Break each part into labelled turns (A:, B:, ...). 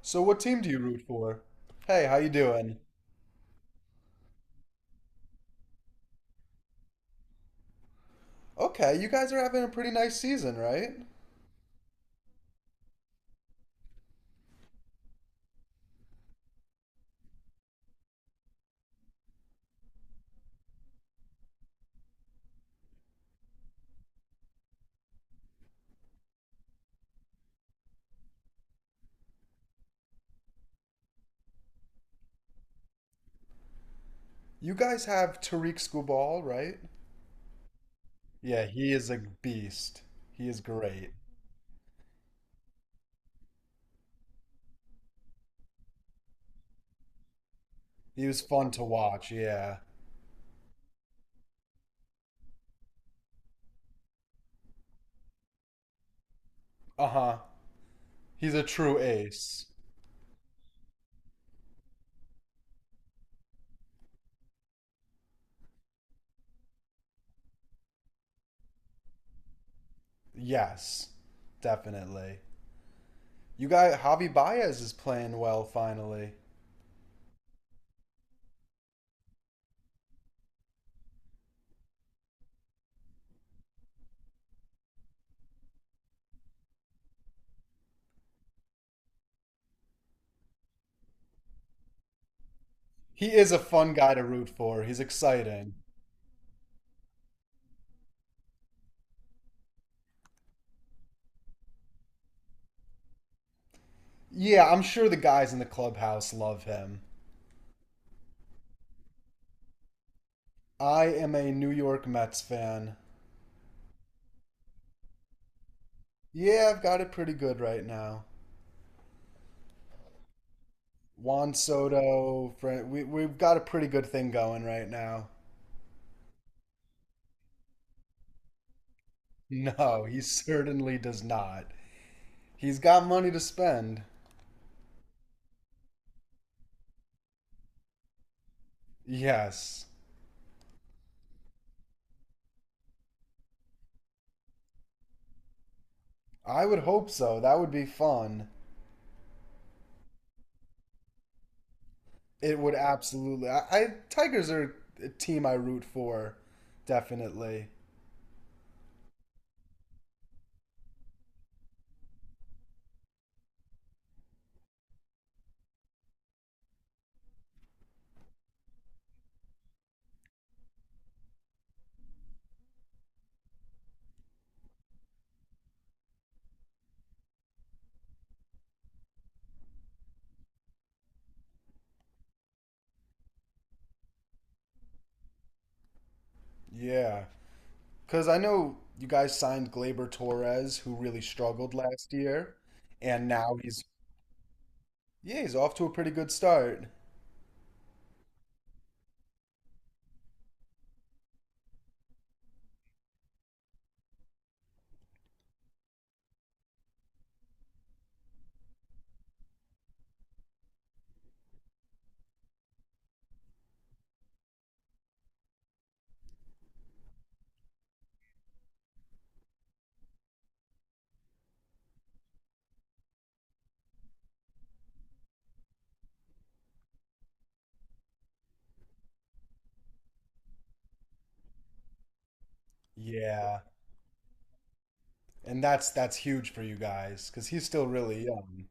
A: So what team do you root for? Hey, how you doing? Okay, you guys are having a pretty nice season, right? You guys have Tariq Skubal, right? Yeah, he is a beast. He is great. He was fun to watch, yeah. Uh-huh. He's a true ace. Yes, definitely. You got Javi Baez is playing well finally. He is a fun guy to root for. He's exciting. Yeah, I'm sure the guys in the clubhouse love him. I am a New York Mets fan. Yeah, I've got it pretty good right now. Juan Soto, we've got a pretty good thing going right now. No, he certainly does not. He's got money to spend. Yes. I would hope so. That would be fun. It would absolutely. I Tigers are a team I root for, definitely. Yeah. Because I know you guys signed Gleyber Torres, who really struggled last year, and now yeah, he's off to a pretty good start. Yeah. And that's huge for you guys because he's still really young.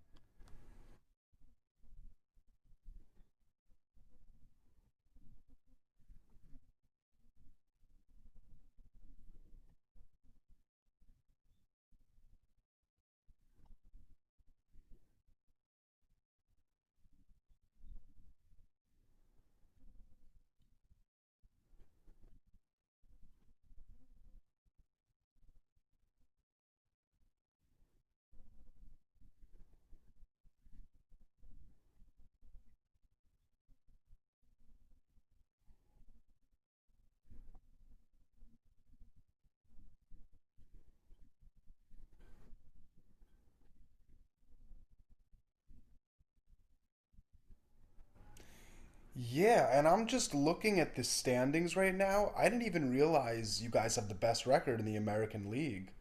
A: Yeah, and I'm just looking at the standings right now. I didn't even realize you guys have the best record in the American League.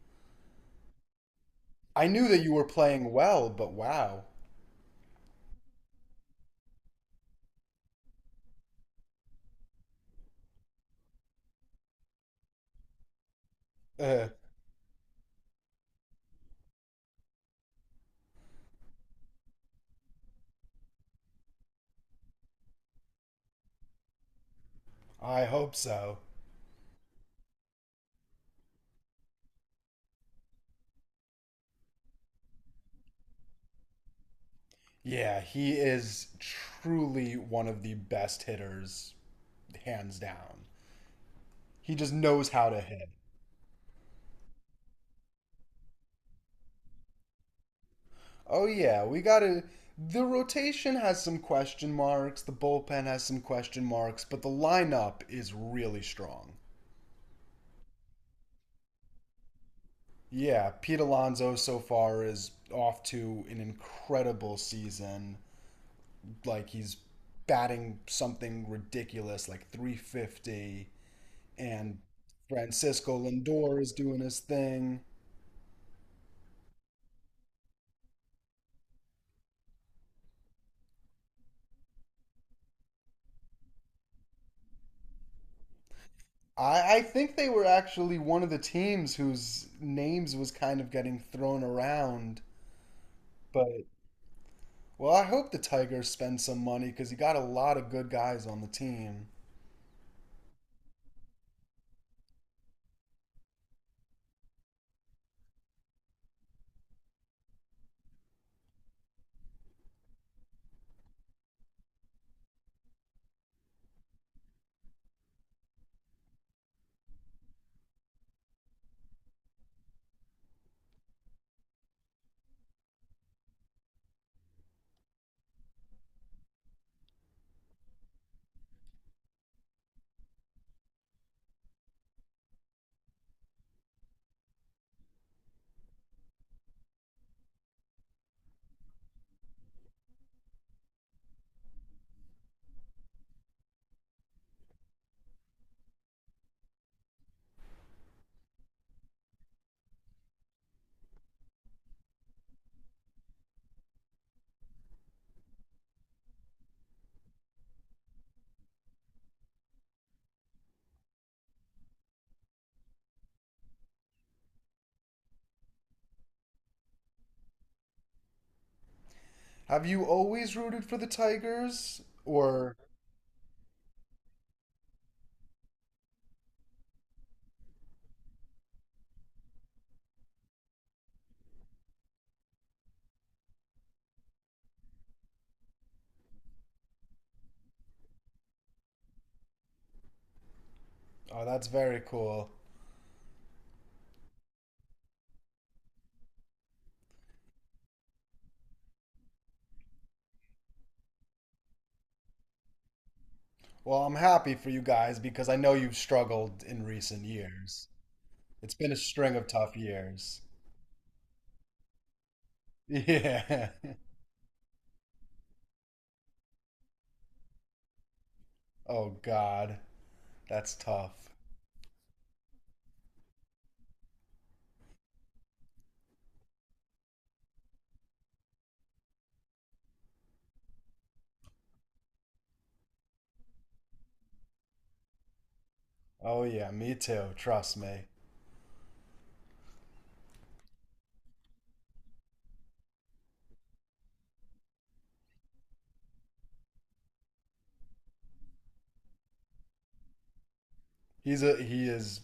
A: I knew that you were playing well, but wow. Uh, I hope so. Yeah, he is truly one of the best hitters, hands down. He just knows how to hit. Oh yeah, we gotta. The rotation has some question marks. The bullpen has some question marks, but the lineup is really strong. Yeah, Pete Alonso so far is off to an incredible season. Like he's batting something ridiculous, like 350, and Francisco Lindor is doing his thing. I think they were actually one of the teams whose names was kind of getting thrown around, but well, I hope the Tigers spend some money because you got a lot of good guys on the team. Have you always rooted for the Tigers? Or, oh, that's very cool. Well, I'm happy for you guys because I know you've struggled in recent years. It's been a string of tough years. Yeah. Oh God, that's tough. Oh yeah, me too, trust me. He is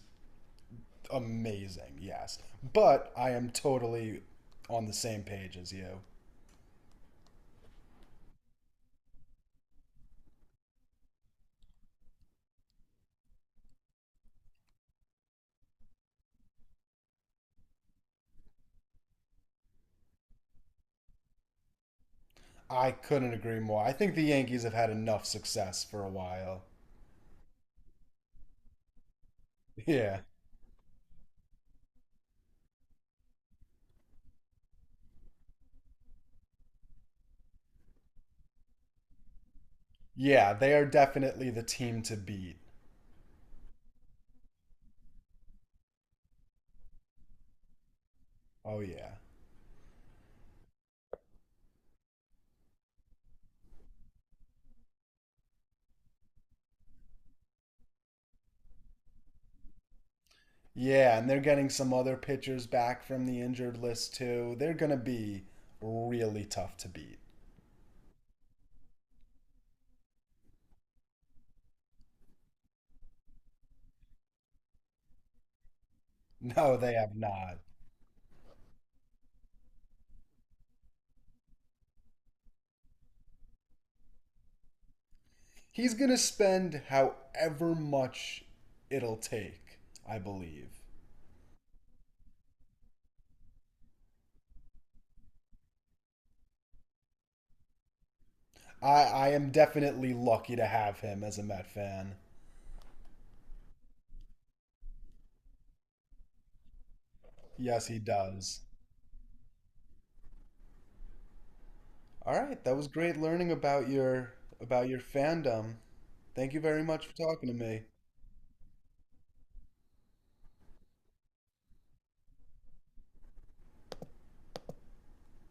A: amazing, yes. But I am totally on the same page as you. I couldn't agree more. I think the Yankees have had enough success for a while. Yeah. Yeah, they are definitely the team to beat. Oh, yeah. Yeah, and they're getting some other pitchers back from the injured list, too. They're going to be really tough to beat. No, they have not. He's going to spend however much it'll take, I believe. I am definitely lucky to have him as a Met fan. Yes, he does. All right, that was great learning about your fandom. Thank you very much for talking to me.